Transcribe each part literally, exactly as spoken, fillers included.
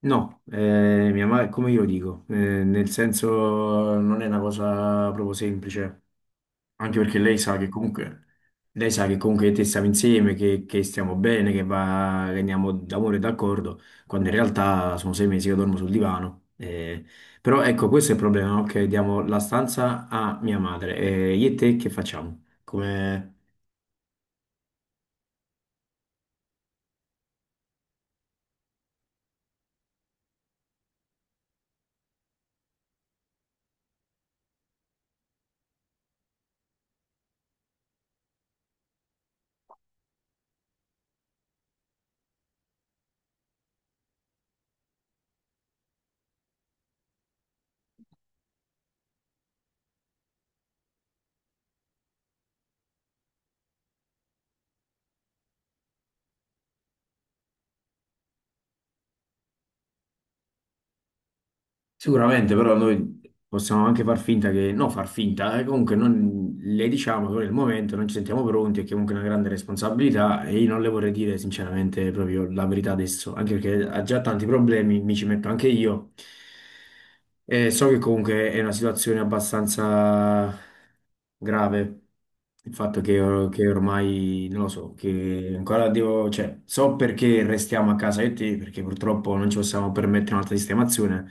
No, eh, mia madre, come io lo dico, eh, nel senso non è una cosa proprio semplice, anche perché lei sa che comunque, lei sa che comunque te stiamo insieme, che, che stiamo bene, che, va, che andiamo d'amore e d'accordo, quando in realtà sono sei mesi che dormo sul divano. eh. Però ecco, questo è il problema, no? Che diamo la stanza a mia madre. E io e te che facciamo? Sicuramente, però noi possiamo anche far finta che, no, far finta, eh, comunque non, le diciamo che nel momento non ci sentiamo pronti e che comunque è una grande responsabilità e io non le vorrei dire sinceramente proprio la verità adesso, anche perché ha già tanti problemi, mi ci metto anche io eh, So che comunque è una situazione abbastanza grave, il fatto che, or- che ormai, non lo so, che ancora devo, cioè, so perché restiamo a casa io e te, perché purtroppo non ci possiamo permettere un'altra sistemazione,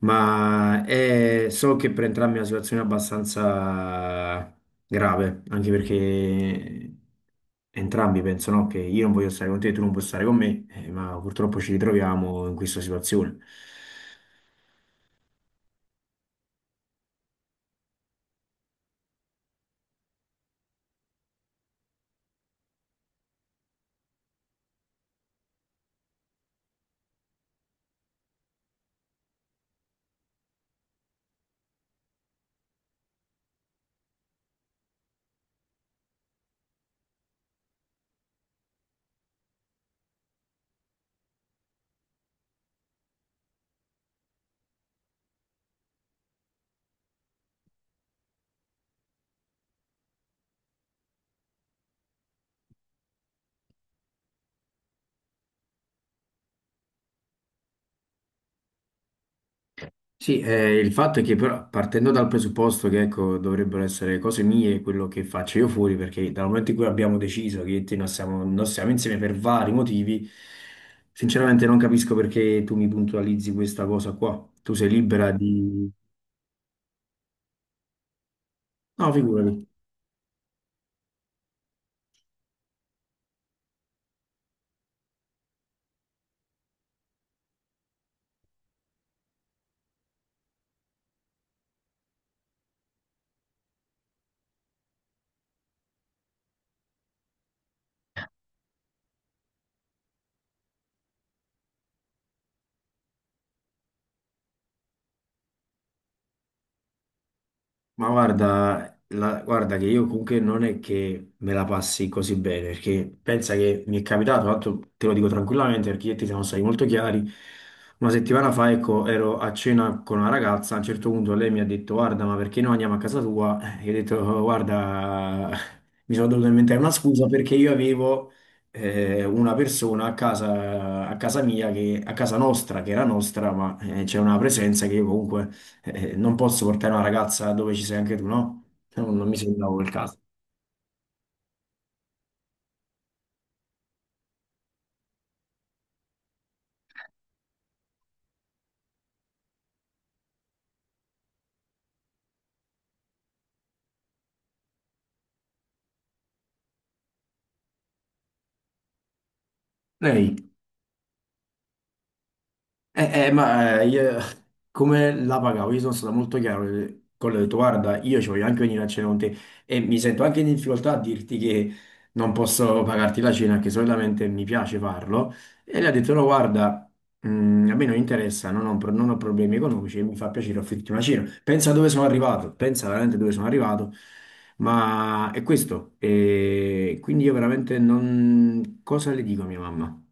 ma è- so che per entrambi è una situazione abbastanza grave, anche perché entrambi pensano che io non voglio stare con te, tu non puoi stare con me, eh, ma purtroppo ci ritroviamo in questa situazione. Sì, eh, il fatto è che però partendo dal presupposto che ecco, dovrebbero essere cose mie quello che faccio io fuori, perché dal momento in cui abbiamo deciso che io e te non siamo, non siamo insieme per vari motivi, sinceramente non capisco perché tu mi puntualizzi questa cosa qua. Tu sei libera di... No, figurati. Ma guarda, la- guarda che io comunque non è che me la passi così bene, perché pensa che mi è capitato, tanto te lo dico tranquillamente perché io e te siamo stati molto chiari, una settimana fa ecco, ero a cena con una ragazza, a un certo punto lei mi ha detto guarda ma perché noi andiamo a casa tua? E io ho detto "Oh, guarda, mi sono dovuto inventare una scusa perché io avevo eh, una persona a casa, a casa mia, che, a casa nostra, che era nostra, ma eh, c'è una presenza che io comunque eh, non posso portare una ragazza dove ci sei anche tu, no? Non, non mi sembrava quel caso. Lei? Eh, eh, ma eh, io come la pagavo? Io sono stato molto chiaro eh, con lei, ho detto, guarda, io ci voglio anche venire a cena con te e mi sento anche in difficoltà a dirti che non posso pagarti la cena, che solitamente mi piace farlo. E lei ha detto, no, guarda, mm, a me non interessa, non ho, pro- non ho problemi economici, e mi fa piacere offrirti una cena. Pensa dove sono arrivato, pensa veramente dove sono arrivato, ma è questo. E quindi io veramente non... Cosa le dico a mia mamma?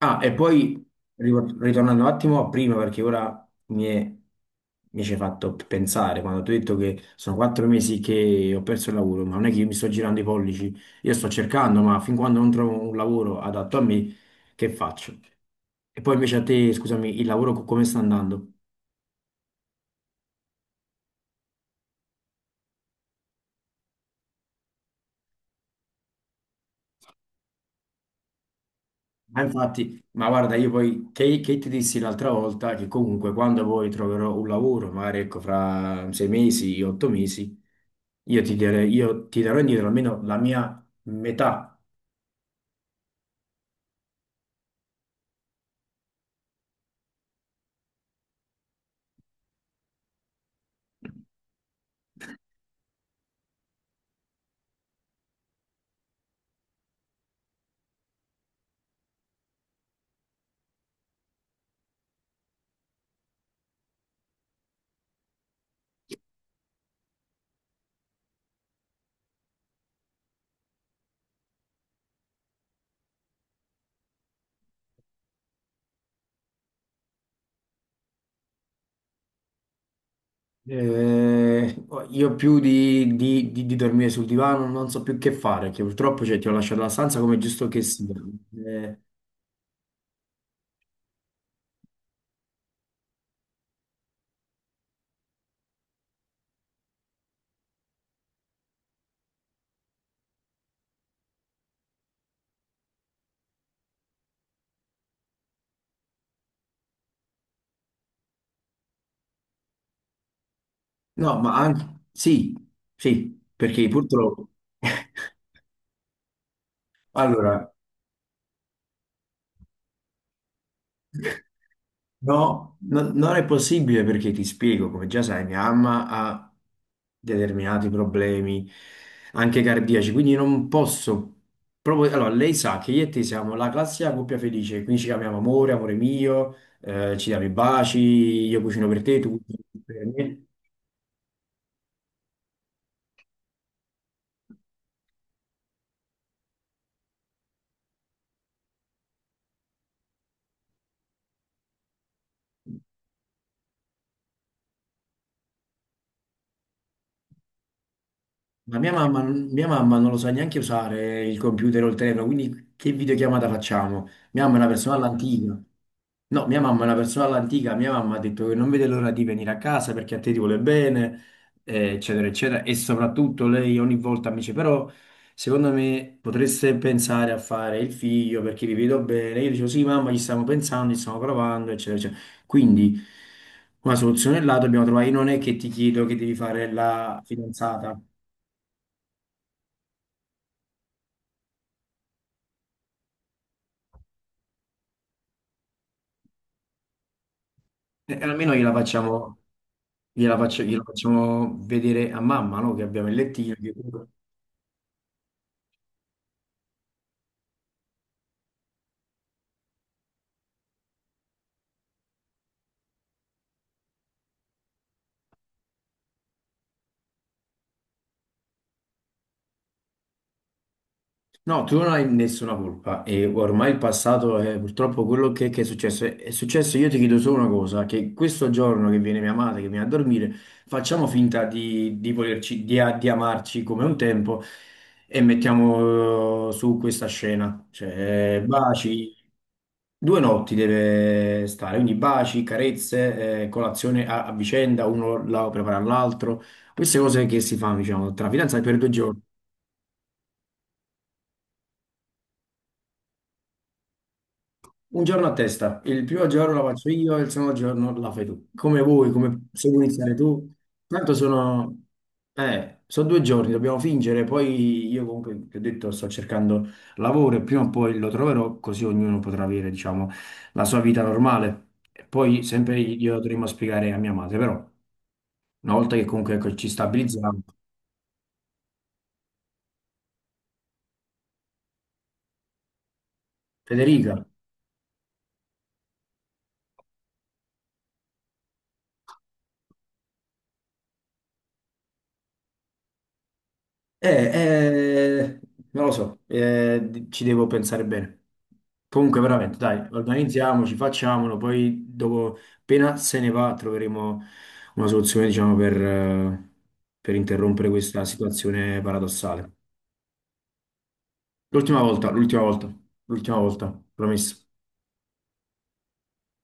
Ah, e poi ri- ritornando un attimo a prima, perché ora mi è- mi ci hai fatto pensare quando ti ho detto che sono quattro mesi che ho perso il lavoro, ma non è che io mi sto girando i pollici, io sto cercando, ma fin quando non trovo un lavoro adatto a me, che faccio? E poi invece a te, scusami, il lavoro co- come sta andando? Ma infatti, ma guarda, io poi che, che ti dissi l'altra volta che comunque quando poi troverò un lavoro, magari ecco fra sei mesi, otto mesi, io ti darei- io ti darò indietro almeno la mia metà. Eh, io più di, di- di- di dormire sul divano non so più che fare, che purtroppo cioè, ti ho lasciato la stanza come è giusto che sia. Eh, no, ma anche sì, sì, perché purtroppo... Allora, no, no- non è possibile perché ti spiego, come già sai, mia mamma ha determinati problemi anche cardiaci, quindi non posso proprio... Allora, lei sa che io e te siamo la classica coppia felice, quindi ci chiamiamo amore, amore mio, eh, ci diamo i baci, io cucino per te, tu cucini per me. Ma mia mamma, mia mamma non lo sa neanche usare il computer o il telefono, quindi che videochiamata facciamo? Mia mamma è una persona all'antica. No, mia mamma è una persona all'antica, mia mamma ha detto che non vede l'ora di venire a casa perché a te ti vuole bene, eh, eccetera, eccetera. E soprattutto lei ogni volta mi dice, però secondo me potreste pensare a fare il figlio perché vi vedo bene. Io dicevo, sì mamma, ci stiamo pensando, ci stiamo provando, eccetera, eccetera. Quindi una soluzione là dobbiamo trovare. Io non è che ti chiedo che devi fare la fidanzata. Eh, almeno gliela facciamo, gliela faccio- gliela facciamo vedere a mamma, no? Che abbiamo il lettino. che- No, tu non hai nessuna colpa e ormai il passato è purtroppo quello che, che è successo. È è successo, io ti chiedo solo una cosa, che questo giorno che viene mia madre, che viene a dormire, facciamo finta di, di volerci, di, a- di amarci come un tempo e mettiamo eh, su questa scena. Cioè, baci, due notti deve stare, quindi baci, carezze, eh, colazione a, a vicenda, uno la prepara all'altro. Queste cose che si fanno, diciamo, tra fidanzati per due giorni. Un giorno a testa, il primo giorno la faccio io e il secondo giorno la fai tu. Come vuoi, come se vuoi iniziare tu. Tanto sono, eh, sono due giorni, dobbiamo fingere. Poi io comunque, ti ho detto, sto cercando lavoro e prima o poi lo troverò, così ognuno potrà avere, diciamo, la sua vita normale. E poi sempre io dovremmo spiegare a mia madre, però, una volta che comunque ecco, ci stabilizziamo, Federica. Eh, eh, Non lo so, eh, di- ci devo pensare bene. Comunque, veramente, dai, organizziamoci, facciamolo, poi dopo, appena se ne va, troveremo una soluzione, diciamo, per, eh, per interrompere questa situazione paradossale. L'ultima volta, l'ultima volta, l'ultima volta, promesso.